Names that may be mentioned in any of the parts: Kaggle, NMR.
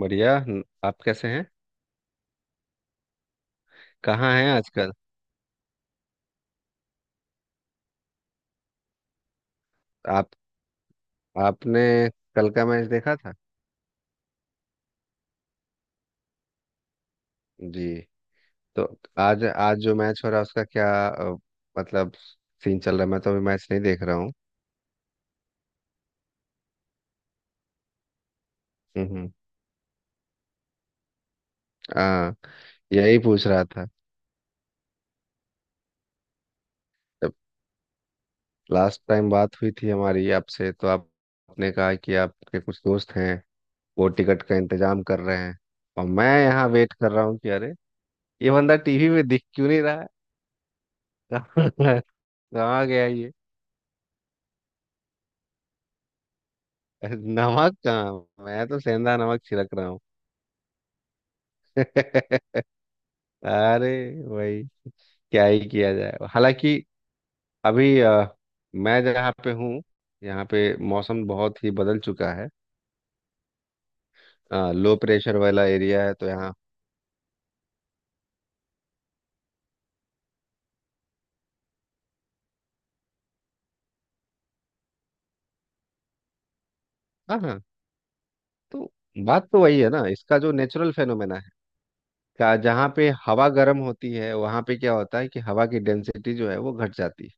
बढ़िया आप कैसे हैं। कहाँ हैं आजकल। आप आपने कल का मैच देखा था। जी। तो आज आज जो मैच हो रहा है उसका क्या मतलब सीन चल रहा है। मैं तो अभी मैच नहीं देख रहा हूँ। हम्म। हाँ, यही पूछ रहा था। जब लास्ट टाइम बात हुई थी हमारी आपसे तो आपने कहा कि आपके कुछ दोस्त हैं, वो टिकट का इंतजाम कर रहे हैं। और मैं यहाँ वेट कर रहा हूँ कि अरे, ये बंदा टीवी में दिख क्यों नहीं रहा है। कहाँ गया ये। नमक कहाँ, मैं तो सेंधा नमक छिड़क रहा हूँ। अरे, वही, क्या ही किया जाए हालांकि। अभी मैं जहाँ पे हूँ, यहाँ पे मौसम बहुत ही बदल चुका है। लो प्रेशर वाला एरिया है तो यहाँ। हाँ हाँ। तो बात तो वही है ना, इसका जो नेचुरल फेनोमेना है क्या। जहाँ पे हवा गर्म होती है वहाँ पे क्या होता है कि हवा की डेंसिटी जो है वो घट जाती है।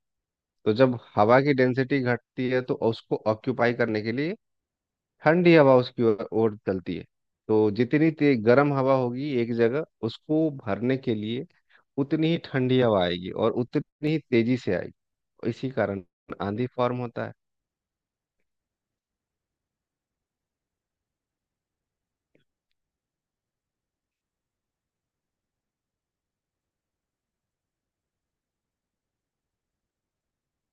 तो जब हवा की डेंसिटी घटती है तो उसको ऑक्यूपाई करने के लिए ठंडी हवा उसकी ओर ओर चलती है। तो जितनी तेज गर्म हवा होगी एक जगह, उसको भरने के लिए उतनी ही ठंडी हवा आएगी और उतनी ही तेजी से आएगी। और इसी कारण आंधी फॉर्म होता है।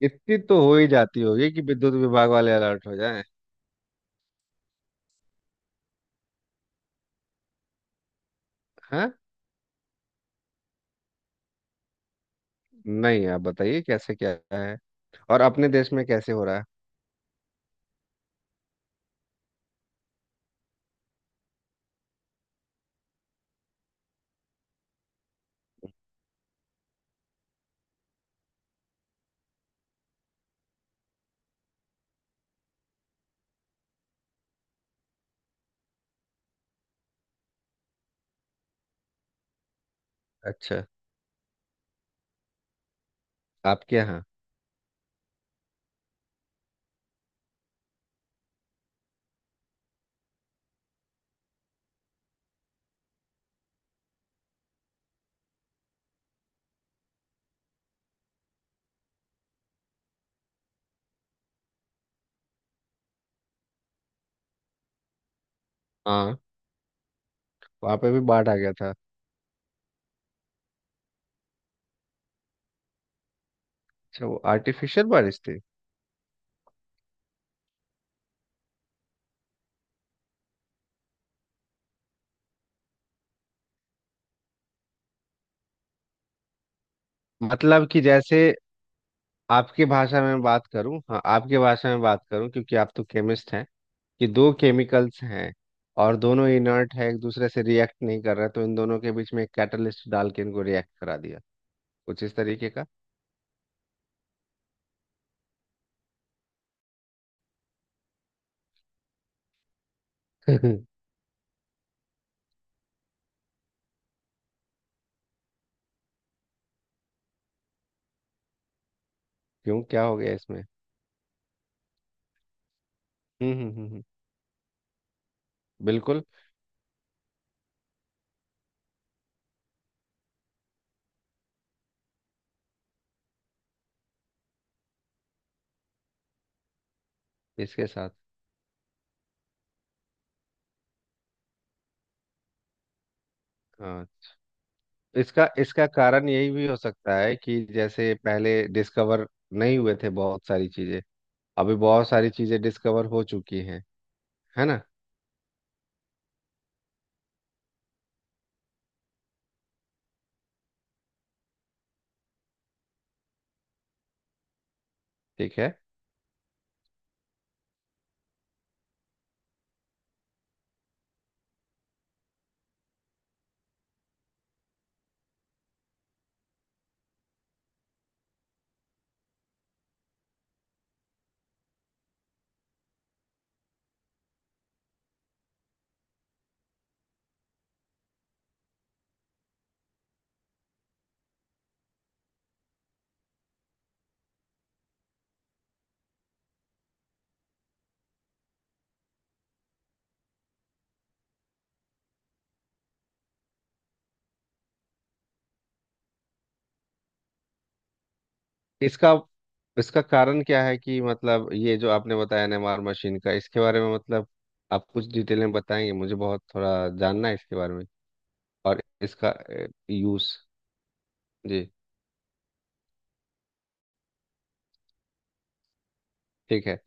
इतनी तो हो ही जाती होगी कि विद्युत विभाग वाले अलर्ट हो जाएं। हाँ। नहीं, आप बताइए कैसे क्या है। और अपने देश में कैसे हो रहा है। अच्छा। आपके यहाँ। हाँ। वहाँ पे भी बाढ़ आ गया था। अच्छा, वो आर्टिफिशियल बारिश थी। मतलब कि जैसे आपकी भाषा में बात करूं, हाँ आपकी भाषा में बात करूं, क्योंकि आप तो केमिस्ट हैं, कि दो केमिकल्स हैं और दोनों इनर्ट है, एक दूसरे से रिएक्ट नहीं कर रहे, तो इन दोनों के बीच में एक कैटलिस्ट डाल के इनको रिएक्ट करा दिया। कुछ इस तरीके का। क्यों। क्या हो गया इसमें। हम्म हम्म हम्म हम्म, बिल्कुल। इसके साथ। हाँ। इसका इसका कारण यही भी हो सकता है कि जैसे पहले डिस्कवर नहीं हुए थे बहुत सारी चीजें, अभी बहुत सारी चीजें डिस्कवर हो चुकी हैं। है ना। ठीक है। इसका इसका कारण क्या है कि मतलब ये जो आपने बताया एनएमआर मशीन का, इसके बारे में, मतलब आप कुछ डिटेल में बताएंगे। मुझे बहुत थोड़ा जानना है इसके बारे में और इसका यूज। जी, ठीक है।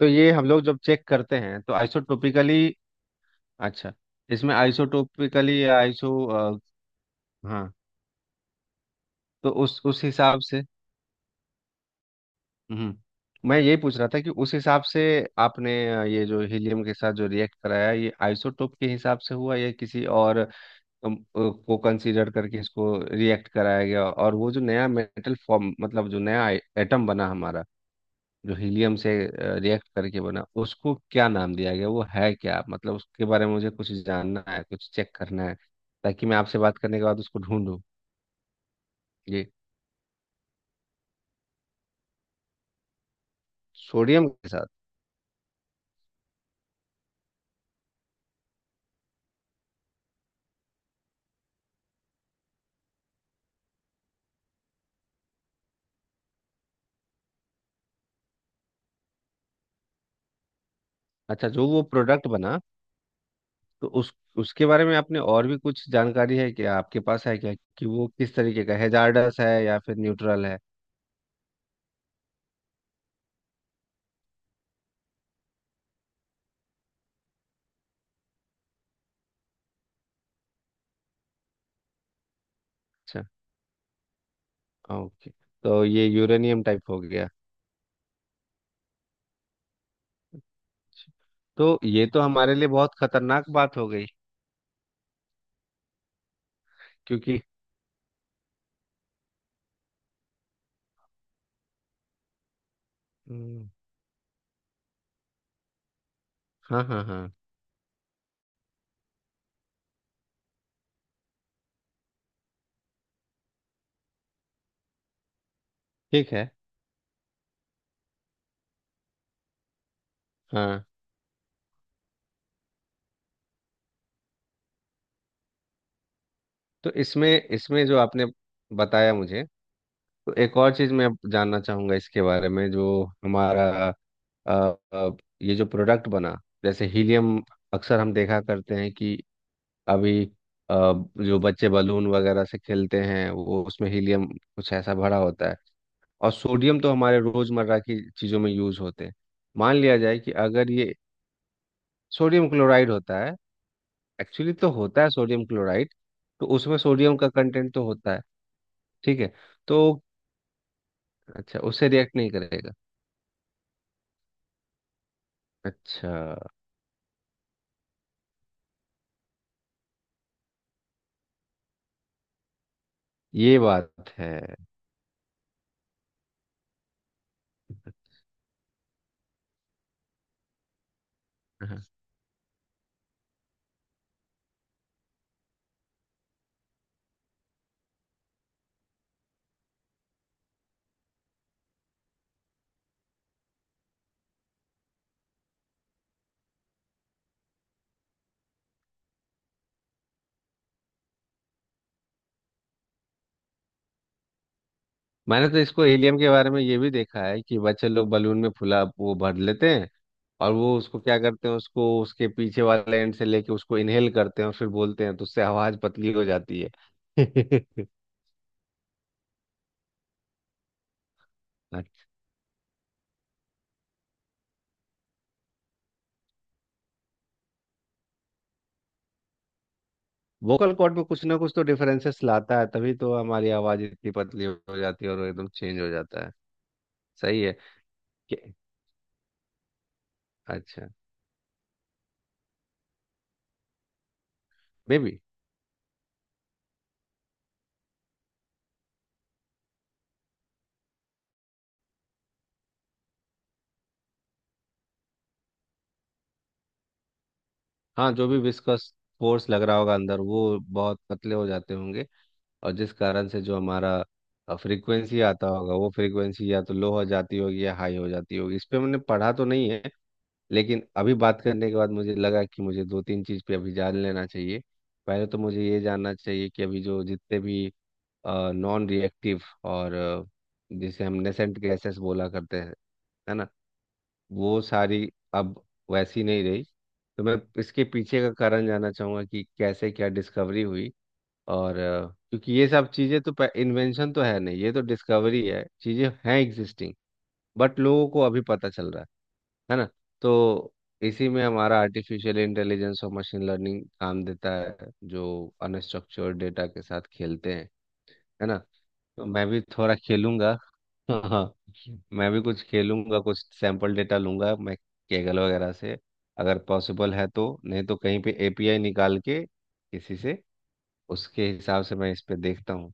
तो ये हम लोग जब चेक करते हैं तो आइसोटोपिकली। अच्छा। इसमें आइसोटोपिकली या आइसो हाँ। तो उस हिसाब से। हम्म मैं यही पूछ रहा था कि उस हिसाब से आपने ये जो हीलियम के साथ जो रिएक्ट कराया, ये आइसोटोप के हिसाब से हुआ या किसी और अम, अ, को कंसीडर करके इसको रिएक्ट कराया गया। और वो जो नया मेटल फॉर्म, मतलब जो नया एटम बना हमारा, जो हीलियम से रिएक्ट करके बना, उसको क्या नाम दिया गया, वो है क्या, मतलब उसके बारे में मुझे कुछ जानना है, कुछ चेक करना है, ताकि मैं आपसे बात करने के बाद उसको ढूंढूं। ये सोडियम के साथ। अच्छा, जो वो प्रोडक्ट बना, तो उस उसके बारे में आपने और भी कुछ जानकारी है क्या, आपके पास है क्या, कि वो किस तरीके का हैजार्डस है या फिर न्यूट्रल है। अच्छा। ओके। तो ये यूरेनियम टाइप हो गया। तो ये तो हमारे लिए बहुत खतरनाक बात हो गई क्योंकि। हम्म, हाँ हाँ हाँ। ठीक है। हाँ। तो इसमें इसमें जो आपने बताया मुझे, तो एक और चीज़ मैं जानना चाहूँगा इसके बारे में जो हमारा अ, अ, ये जो प्रोडक्ट बना, जैसे हीलियम, अक्सर हम देखा करते हैं कि अभी जो बच्चे बलून वगैरह से खेलते हैं वो उसमें हीलियम कुछ ऐसा भरा होता है। और सोडियम तो हमारे रोजमर्रा की चीज़ों में यूज होते हैं। मान लिया जाए कि अगर ये सोडियम क्लोराइड होता है, एक्चुअली तो होता है सोडियम क्लोराइड, तो उसमें सोडियम का कंटेंट तो होता है। ठीक है। तो अच्छा, उससे रिएक्ट नहीं करेगा। अच्छा, ये बात है। हाँ। मैंने तो इसको हीलियम के बारे में ये भी देखा है कि बच्चे लोग बलून में फुला वो भर लेते हैं, और वो उसको क्या करते हैं, उसको उसके पीछे वाले एंड से लेके उसको इनहेल करते हैं और फिर बोलते हैं, तो उससे आवाज पतली हो जाती है। वोकल कॉर्ड में कुछ ना कुछ तो डिफरेंसेस लाता है, तभी तो हमारी आवाज इतनी पतली हो जाती है और वो एकदम चेंज हो जाता है। सही है। कि, अच्छा बेबी। हाँ, जो भी विस्कस फोर्स लग रहा होगा अंदर, वो बहुत पतले हो जाते होंगे, और जिस कारण से जो हमारा फ्रीक्वेंसी आता होगा, वो फ्रीक्वेंसी या तो लो हो जाती होगी या हाई हो जाती होगी। इस पे मैंने पढ़ा तो नहीं है, लेकिन अभी बात करने के बाद मुझे लगा कि मुझे दो तीन चीज़ पे अभी जान लेना चाहिए। पहले तो मुझे ये जानना चाहिए कि अभी जो जितने भी नॉन रिएक्टिव और जिसे हम नेसेंट गैसेस बोला करते हैं, है ना, वो सारी अब वैसी नहीं रही। तो मैं इसके पीछे का कारण जानना चाहूंगा कि कैसे क्या डिस्कवरी हुई। और क्योंकि ये सब चीजें तो इन्वेंशन तो है नहीं, ये तो डिस्कवरी है, चीजें हैं एग्जिस्टिंग, बट लोगों को अभी पता चल रहा है। है ना। तो इसी में हमारा आर्टिफिशियल इंटेलिजेंस और मशीन लर्निंग काम देता है, जो अनस्ट्रक्चर्ड डेटा के साथ खेलते हैं, है ना। तो मैं भी थोड़ा खेलूंगा। हाँ, मैं भी कुछ खेलूंगा, कुछ सैंपल डेटा लूंगा मैं कैगल वगैरह से, अगर पॉसिबल है तो, नहीं तो कहीं पे एपीआई निकाल के किसी से। उसके हिसाब से मैं इस पे देखता हूँ।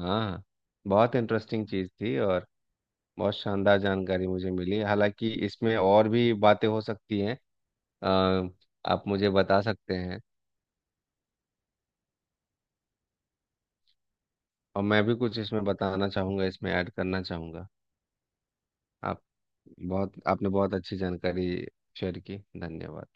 हाँ। बहुत इंटरेस्टिंग चीज़ थी, और बहुत शानदार जानकारी मुझे मिली, हालांकि इसमें और भी बातें हो सकती हैं। अ, आप मुझे बता सकते हैं। और मैं भी कुछ इसमें बताना चाहूँगा, इसमें ऐड करना चाहूँगा। आप, बहुत आपने बहुत अच्छी जानकारी शेयर की, धन्यवाद।